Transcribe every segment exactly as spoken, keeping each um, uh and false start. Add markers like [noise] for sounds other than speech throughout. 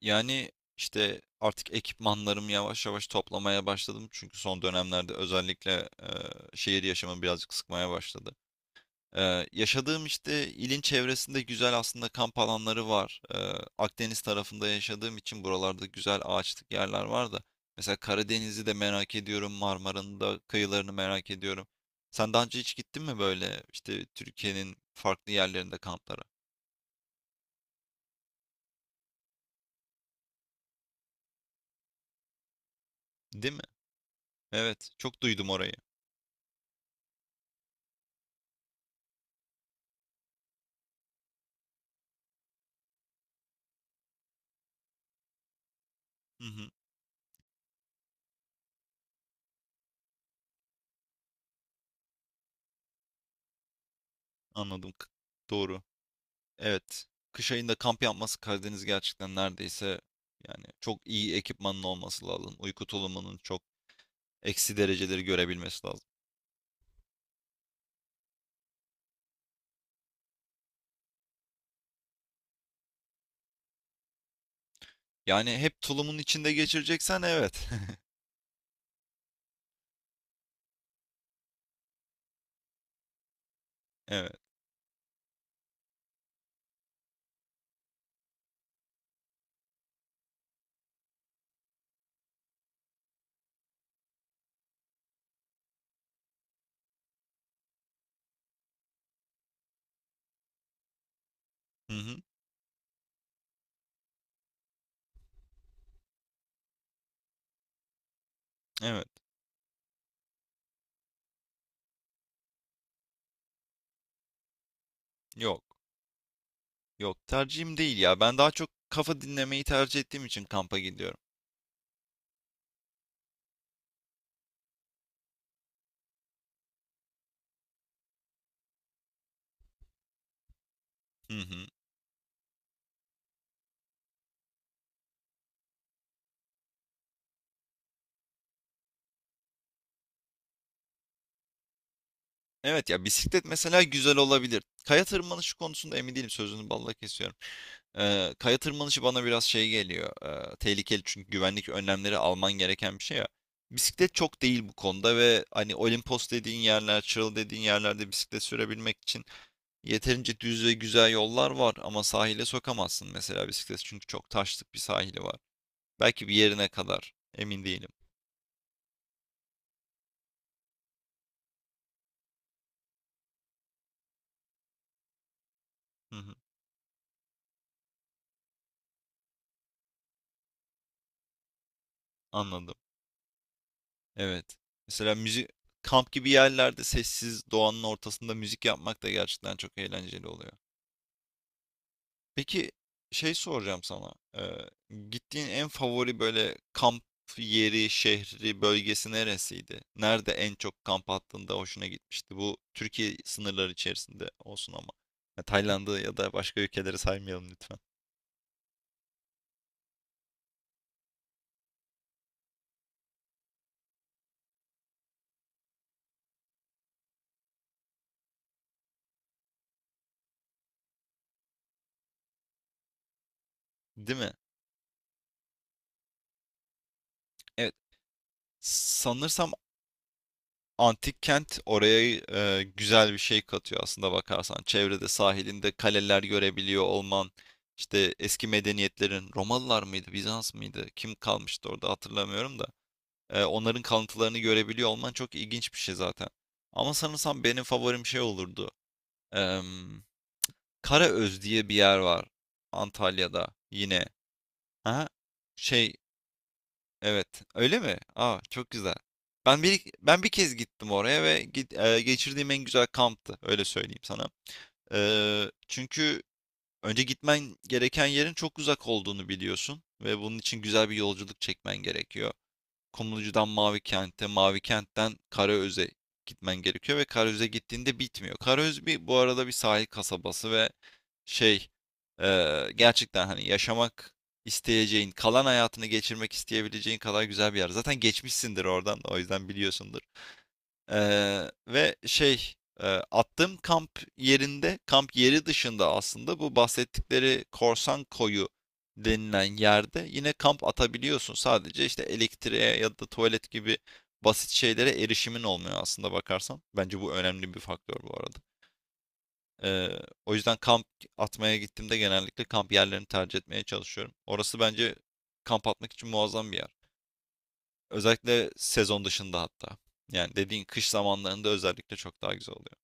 Yani işte artık ekipmanlarımı yavaş yavaş toplamaya başladım. Çünkü son dönemlerde özellikle e, şehir yaşamı birazcık sıkmaya başladı. E, yaşadığım işte ilin çevresinde güzel aslında kamp alanları var. E, Akdeniz tarafında yaşadığım için buralarda güzel ağaçlık yerler var da. Mesela Karadeniz'i de merak ediyorum. Marmara'nın da kıyılarını merak ediyorum. Sen daha önce hiç gittin mi böyle işte Türkiye'nin farklı yerlerinde kamplara? Değil mi? Evet, çok duydum orayı. Hı hı, anladım. K- Doğru. Evet. Kış ayında kamp yapması Karadeniz gerçekten neredeyse yani çok iyi ekipmanın olması lazım. Uyku tulumunun çok eksi dereceleri görebilmesi lazım. Yani hep tulumun içinde geçireceksen evet. [laughs] Evet. Hı hı. Evet. Yok. Yok. Tercihim değil ya. Ben daha çok kafa dinlemeyi tercih ettiğim için kampa gidiyorum. Hı hı. Evet ya bisiklet mesela güzel olabilir. Kaya tırmanışı konusunda emin değilim. Sözünü balla kesiyorum. Ee, kaya tırmanışı bana biraz şey geliyor. Ee, tehlikeli çünkü güvenlik önlemleri alman gereken bir şey ya. Bisiklet çok değil bu konuda ve hani Olimpos dediğin yerler, Çıralı dediğin yerlerde bisiklet sürebilmek için yeterince düz ve güzel yollar var ama sahile sokamazsın mesela bisiklet çünkü çok taşlık bir sahili var. Belki bir yerine kadar emin değilim. Hı hı, anladım. Evet. Mesela müzik kamp gibi yerlerde sessiz doğanın ortasında müzik yapmak da gerçekten çok eğlenceli oluyor. Peki şey soracağım sana. Ee, gittiğin en favori böyle kamp yeri, şehri, bölgesi neresiydi? Nerede en çok kamp attığında hoşuna gitmişti? Bu Türkiye sınırları içerisinde olsun ama. Ya Tayland'ı ya da başka ülkeleri saymayalım lütfen. Değil mi? Evet. Sanırsam antik kent oraya e, güzel bir şey katıyor aslında bakarsan. Çevrede sahilinde kaleler görebiliyor olman. İşte eski medeniyetlerin Romalılar mıydı, Bizans mıydı? Kim kalmıştı orada hatırlamıyorum da. E, onların kalıntılarını görebiliyor olman çok ilginç bir şey zaten. Ama sanırsam benim favorim şey olurdu. Em, Karaöz diye bir yer var Antalya'da yine. Ha? Şey evet öyle mi? Aa çok güzel. Ben bir ben bir kez gittim oraya ve git- e, geçirdiğim en güzel kamptı öyle söyleyeyim sana. Eee, çünkü önce gitmen gereken yerin çok uzak olduğunu biliyorsun ve bunun için güzel bir yolculuk çekmen gerekiyor. Kumlucu'dan Mavi Kent'e, Mavi Kent'ten Karaöz'e gitmen gerekiyor ve Karaöz'e gittiğinde bitmiyor. Karaöz bir bu arada bir sahil kasabası ve şey eee, gerçekten hani yaşamak isteyeceğin, kalan hayatını geçirmek isteyebileceğin kadar güzel bir yer. Zaten geçmişsindir oradan o yüzden biliyorsundur. Eee, ve şey, eee, attığım kamp yerinde, kamp yeri dışında aslında bu bahsettikleri Korsan Koyu denilen yerde yine kamp atabiliyorsun. Sadece işte elektriğe ya da tuvalet gibi basit şeylere erişimin olmuyor aslında bakarsan. Bence bu önemli bir faktör bu arada. Eee, o yüzden kamp atmaya gittiğimde genellikle kamp yerlerini tercih etmeye çalışıyorum. Orası bence kamp atmak için muazzam bir yer. Özellikle sezon dışında hatta. Yani dediğin kış zamanlarında özellikle çok daha güzel oluyor.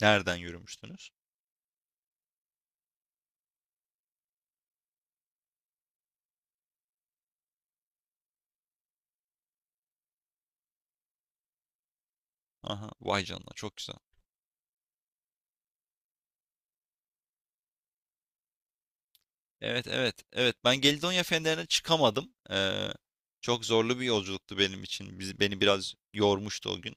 Nereden yürümüştünüz? Aha, vay canına çok güzel. Evet evet evet ben Gelidonya Fenleri'ne çıkamadım. Ee, çok zorlu bir yolculuktu benim için. Bizi, beni biraz yormuştu o gün.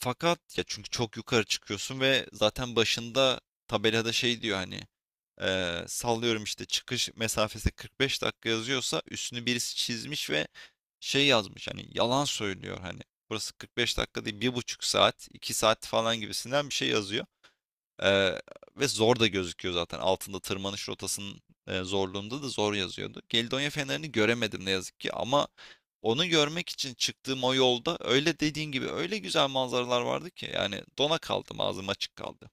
Fakat ya çünkü çok yukarı çıkıyorsun ve zaten başında tabelada şey diyor hani eee, sallıyorum işte çıkış mesafesi kırk beş dakika yazıyorsa üstünü birisi çizmiş ve şey yazmış hani yalan söylüyor hani burası kırk beş dakika değil bir buçuk saat iki saat falan gibisinden bir şey yazıyor. Ee, Ve zor da gözüküyor zaten. Altında tırmanış rotasının e, zorluğunda da zor yazıyordu. Gelidonya fenerini göremedim ne yazık ki ama onu görmek için çıktığım o yolda öyle dediğin gibi öyle güzel manzaralar vardı ki yani dona kaldım ağzım açık kaldı.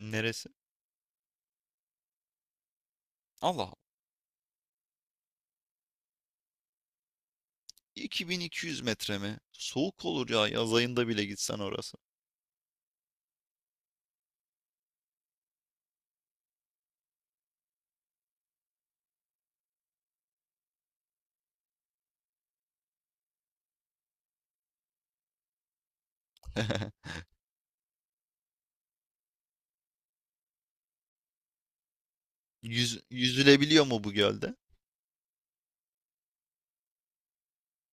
Neresi? Allah Allah. iki bin iki yüz metre mi? Soğuk olur ya yaz ayında bile gitsen orası. [laughs] Yüz, yüzülebiliyor mu bu gölde?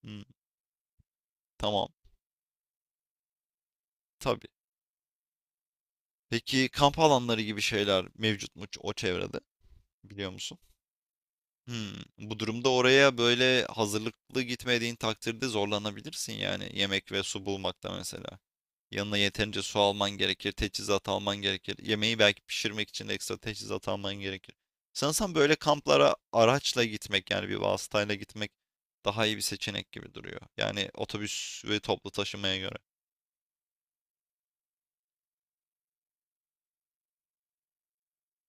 Hmm, tamam. Tabii. Peki kamp alanları gibi şeyler mevcut mu o çevrede? Biliyor musun? Hmm, bu durumda oraya böyle hazırlıklı gitmediğin takdirde zorlanabilirsin yani yemek ve su bulmakta mesela. Yanına yeterince su alman gerekir, teçhizat alman gerekir. Yemeği belki pişirmek için de ekstra teçhizat alman gerekir. Sanırsam böyle kamplara araçla gitmek yani bir vasıtayla gitmek daha iyi bir seçenek gibi duruyor. Yani otobüs ve toplu taşımaya göre.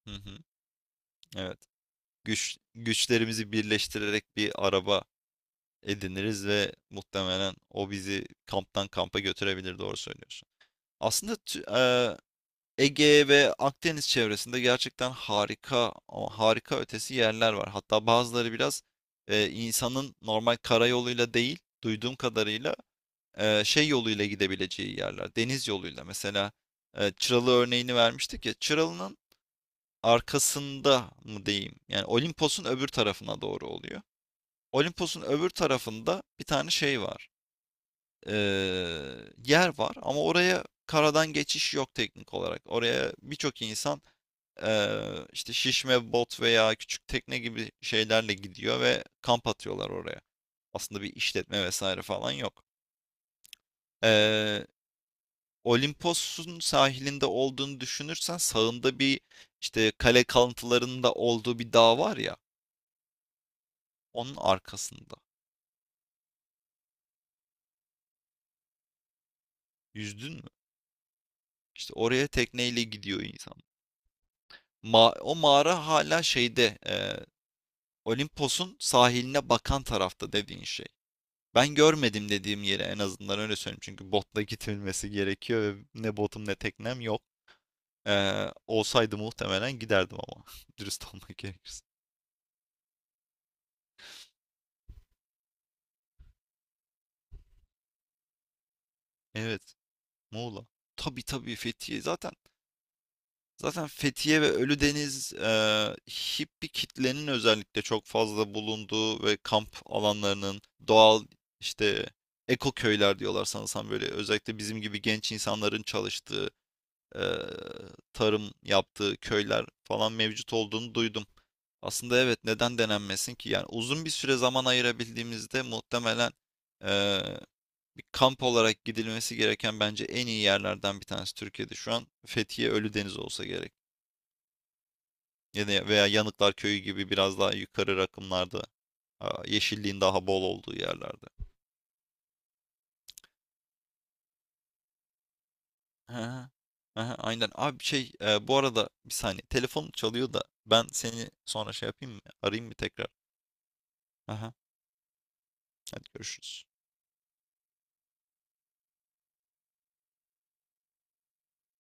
Hı hı, evet. Güç, güçlerimizi birleştirerek bir araba ediniriz ve muhtemelen o bizi kamptan kampa götürebilir doğru söylüyorsun. Aslında tü- e, Ege ve Akdeniz çevresinde gerçekten harika ama harika ötesi yerler var. Hatta bazıları biraz e, insanın normal karayoluyla değil duyduğum kadarıyla e, şey yoluyla gidebileceği yerler. Deniz yoluyla mesela e, Çıralı örneğini vermiştik ya Çıralı'nın arkasında mı diyeyim yani Olimpos'un öbür tarafına doğru oluyor. Olimpos'un öbür tarafında bir tane şey var eee, yer var ama oraya karadan geçiş yok teknik olarak. Oraya birçok insan eee, işte şişme bot veya küçük tekne gibi şeylerle gidiyor ve kamp atıyorlar oraya. Aslında bir işletme vesaire falan yok. Eee Olimpos'un sahilinde olduğunu düşünürsen sağında bir işte kale kalıntılarının da olduğu bir dağ var ya onun arkasında. Yüzdün mü? İşte oraya tekneyle gidiyor insan. Ma- o mağara hala şeyde e, Olimpos'un sahiline bakan tarafta dediğin şey. Ben görmedim dediğim yeri en azından öyle söyleyeyim. Çünkü botla gidilmesi gerekiyor ve ne botum ne teknem yok. Ee, olsaydı muhtemelen giderdim ama. [laughs] Dürüst olmak gerekirse. Evet. Muğla. Tabii tabii Fethiye. Zaten zaten Fethiye ve Ölüdeniz e, hippi kitlenin özellikle çok fazla bulunduğu ve kamp alanlarının doğal işte ekoköyler diyorlar sanırsam böyle özellikle bizim gibi genç insanların çalıştığı e, tarım yaptığı köyler falan mevcut olduğunu duydum. Aslında evet neden denenmesin ki? Yani uzun bir süre zaman ayırabildiğimizde muhtemelen e, bir kamp olarak gidilmesi gereken bence en iyi yerlerden bir tanesi Türkiye'de şu an Fethiye Ölüdeniz olsa gerek. Ya da- veya Yanıklar Köyü gibi biraz daha yukarı rakımlarda a, yeşilliğin daha bol olduğu yerlerde. Aha, aha, aynen. Abi şey e, bu arada bir saniye telefonum çalıyor da ben seni sonra şey yapayım mı? Arayayım mı tekrar? Aha. Hadi görüşürüz.